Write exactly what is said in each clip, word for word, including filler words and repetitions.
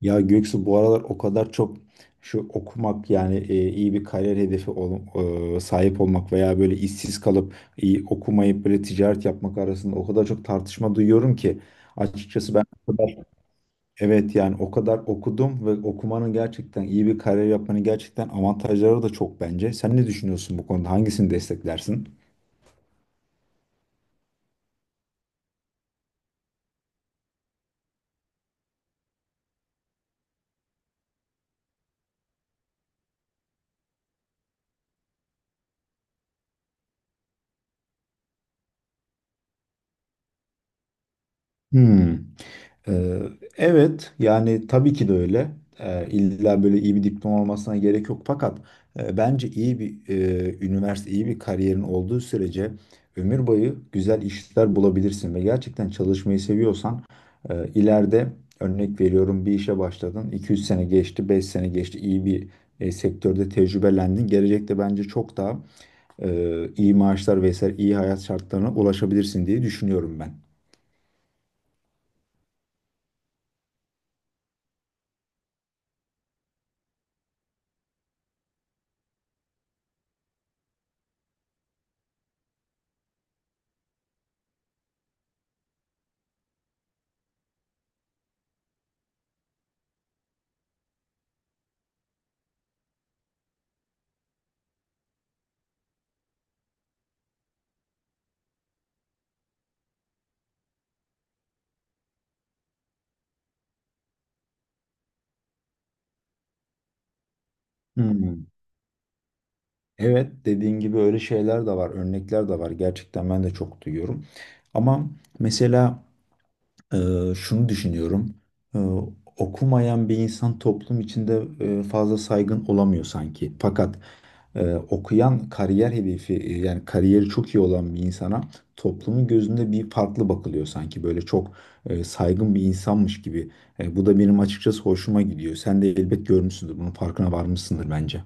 Ya Göksu bu aralar o kadar çok şu okumak yani e, iyi bir kariyer hedefi ol- e, sahip olmak veya böyle işsiz kalıp iyi okumayıp böyle ticaret yapmak arasında o kadar çok tartışma duyuyorum ki açıkçası ben o kadar evet yani o kadar okudum ve okumanın gerçekten iyi bir kariyer yapmanın gerçekten avantajları da çok bence. Sen ne düşünüyorsun bu konuda? Hangisini desteklersin? Hmm. Ee, evet, yani tabii ki de öyle. Ee, illa böyle iyi bir diploma olmasına gerek yok. Fakat e, bence iyi bir e, üniversite, iyi bir kariyerin olduğu sürece ömür boyu güzel işler bulabilirsin ve gerçekten çalışmayı seviyorsan e, ileride örnek veriyorum bir işe başladın. iki üç sene geçti, beş sene geçti. İyi bir e, sektörde tecrübelendin. Gelecekte bence çok daha e, iyi maaşlar vesaire iyi hayat şartlarına ulaşabilirsin diye düşünüyorum ben. Hmm. Evet, dediğin gibi öyle şeyler de var, örnekler de var. Gerçekten ben de çok duyuyorum. Ama mesela, e, şunu düşünüyorum. E, Okumayan bir insan toplum içinde e, fazla saygın olamıyor sanki. Fakat e, okuyan, kariyer hedefi e, yani kariyeri çok iyi olan bir insana toplumun gözünde bir farklı bakılıyor sanki. Böyle çok e, saygın bir insanmış gibi. E, bu da benim açıkçası hoşuma gidiyor. Sen de elbet görmüşsündür. Bunun farkına varmışsındır bence.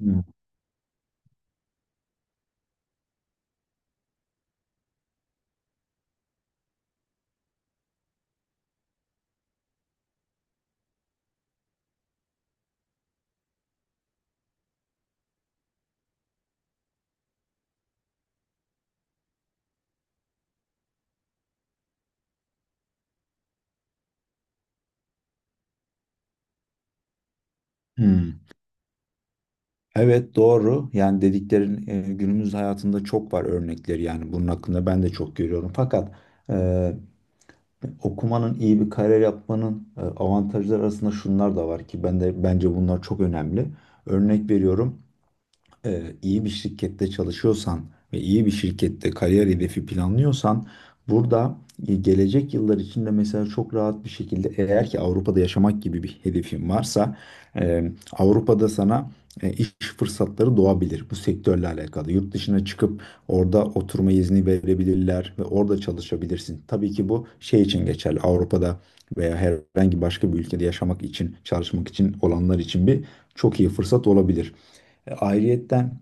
Hmm. Hmm. Evet, doğru. Yani dediklerin, e, günümüz hayatında çok var örnekleri, yani bunun hakkında ben de çok görüyorum. Fakat e, okumanın, iyi bir kariyer yapmanın e, avantajları arasında şunlar da var ki ben de bence bunlar çok önemli. Örnek veriyorum, e, iyi bir şirkette çalışıyorsan ve iyi bir şirkette kariyer hedefi planlıyorsan, burada e, gelecek yıllar içinde mesela çok rahat bir şekilde, eğer ki Avrupa'da yaşamak gibi bir hedefin varsa, e, Avrupa'da sana e, iş fırsatları doğabilir bu sektörle alakalı. Yurt dışına çıkıp orada oturma izni verebilirler ve orada çalışabilirsin. Tabii ki bu şey için geçerli. Avrupa'da veya herhangi başka bir ülkede yaşamak için, çalışmak için olanlar için bir çok iyi fırsat olabilir. E, Ayrıyetten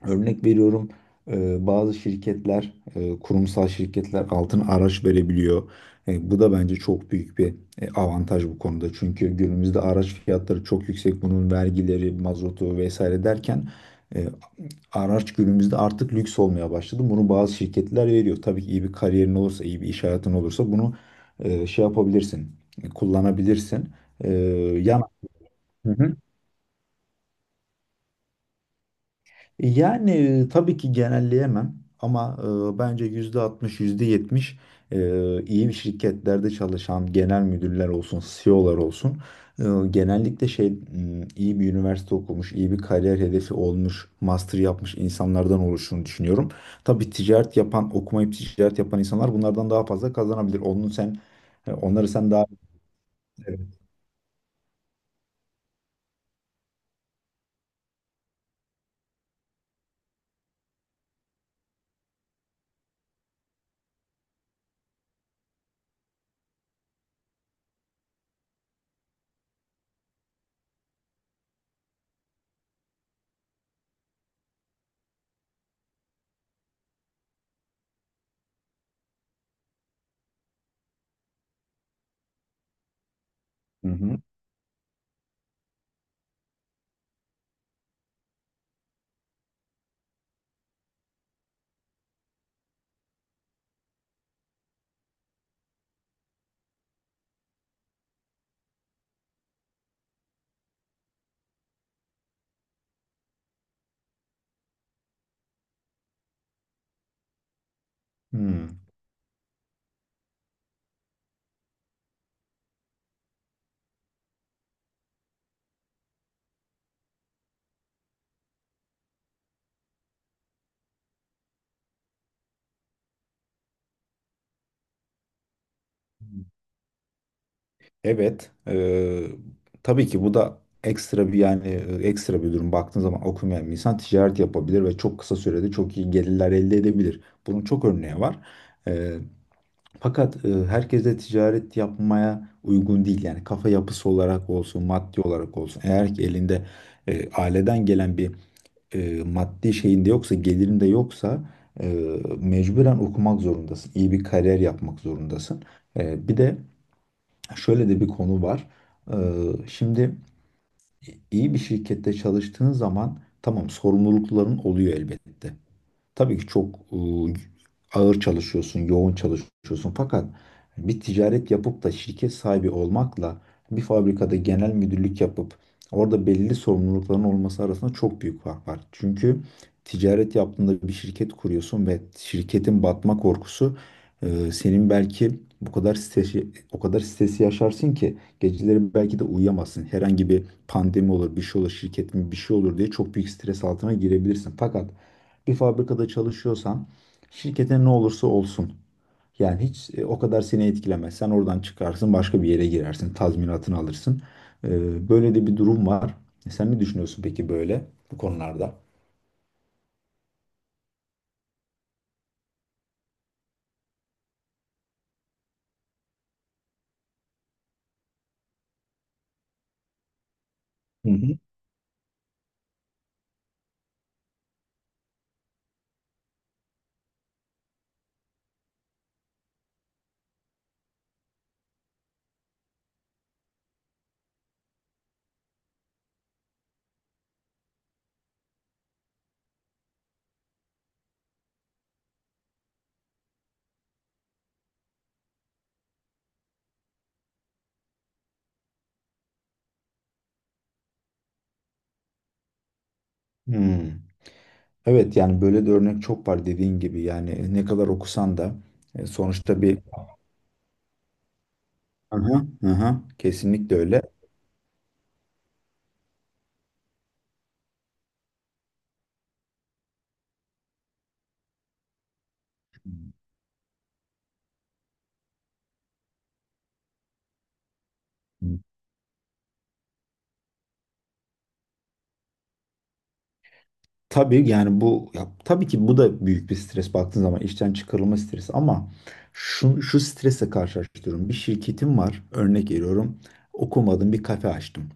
örnek veriyorum, e, bazı şirketler, e, kurumsal şirketler altın araç verebiliyor. E, Bu da bence çok büyük bir e, avantaj bu konuda. Çünkü günümüzde araç fiyatları çok yüksek. Bunun vergileri, mazotu vesaire derken e, araç günümüzde artık lüks olmaya başladı. Bunu bazı şirketler veriyor. Tabii ki iyi bir kariyerin olursa, iyi bir iş hayatın olursa bunu e, şey yapabilirsin, kullanabilirsin. E, yan, Hı hı. Yani e, tabii ki genelleyemem ama e, bence yüzde altmış, yüzde yetmiş e, iyi şirketlerde çalışan genel müdürler olsun, C E O'lar olsun, e, genellikle şey m, iyi bir üniversite okumuş, iyi bir kariyer hedefi olmuş, master yapmış insanlardan oluştuğunu düşünüyorum. Tabii ticaret yapan, okumayıp ticaret yapan insanlar bunlardan daha fazla kazanabilir. Onun sen, e, onları sen daha Evet. Hı hı. Hmm. Evet, eee, tabii ki bu da ekstra bir, yani e, ekstra bir durum. Baktığın zaman okumayan bir insan ticaret yapabilir ve çok kısa sürede çok iyi gelirler elde edebilir. Bunun çok örneği var. Eee, Fakat e, herkes de ticaret yapmaya uygun değil. Yani kafa yapısı olarak olsun, maddi olarak olsun. Eğer ki elinde e, aileden gelen bir e, maddi şeyinde yoksa, gelirinde yoksa, e, mecburen okumak zorundasın. İyi bir kariyer yapmak zorundasın. E, bir de şöyle de bir konu var. Ee, Şimdi iyi bir şirkette çalıştığın zaman, tamam, sorumlulukların oluyor elbette. Tabii ki çok e, ağır çalışıyorsun, yoğun çalışıyorsun. Fakat bir ticaret yapıp da şirket sahibi olmakla bir fabrikada genel müdürlük yapıp orada belli sorumlulukların olması arasında çok büyük fark var. Çünkü ticaret yaptığında bir şirket kuruyorsun ve şirketin batma korkusu, e, senin belki bu kadar stresi, o kadar stresi yaşarsın ki geceleri belki de uyuyamazsın. Herhangi bir pandemi olur, bir şey olur, şirketin bir şey olur diye çok büyük stres altına girebilirsin. Fakat bir fabrikada çalışıyorsan, şirkete ne olursa olsun, yani hiç e, o kadar seni etkilemez. Sen oradan çıkarsın, başka bir yere girersin, tazminatını alırsın. E, böyle de bir durum var. E, Sen ne düşünüyorsun peki böyle bu konularda? Hı hı. Hmm. Evet, yani böyle de örnek çok var dediğin gibi. Yani e, ne kadar okusan da, e, sonuçta bir... Aha, aha, kesinlikle öyle. Tabii, yani bu ya, tabii ki bu da büyük bir stres baktığın zaman, işten çıkarılma stresi, ama şu, şu strese karşılaştırıyorum. Bir şirketim var, örnek veriyorum, okumadım, bir kafe açtım.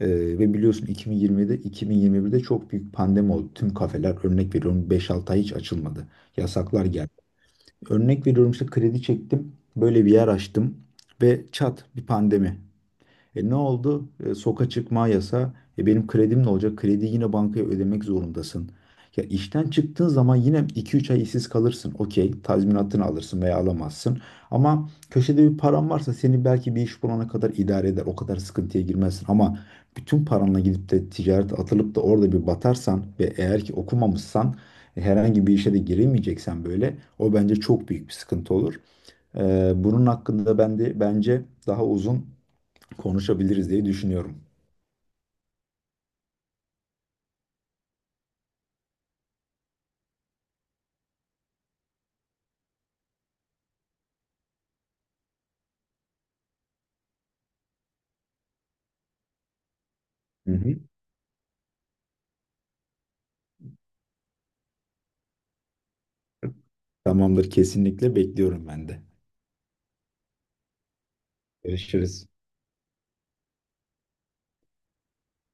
Ee, ve biliyorsun iki bin yirmide iki bin yirmi birde çok büyük pandemi oldu. Tüm kafeler, örnek veriyorum, beş altı ay hiç açılmadı. Yasaklar geldi. Örnek veriyorum, işte kredi çektim, böyle bir yer açtım ve çat, bir pandemi. E ne oldu? E, soka çıkma yasa. E benim kredim ne olacak? Krediyi yine bankaya ödemek zorundasın. Ya işten çıktığın zaman yine iki üç ay işsiz kalırsın. Okey, tazminatını alırsın veya alamazsın. Ama köşede bir paran varsa seni belki bir iş bulana kadar idare eder. O kadar sıkıntıya girmezsin. Ama bütün paranla gidip de ticarete atılıp da orada bir batarsan ve eğer ki okumamışsan, e, herhangi bir işe de giremeyeceksen, böyle o bence çok büyük bir sıkıntı olur. Ee, bunun hakkında ben de bence daha uzun konuşabiliriz diye düşünüyorum. Hı hı. Tamamdır, kesinlikle bekliyorum ben de. Görüşürüz.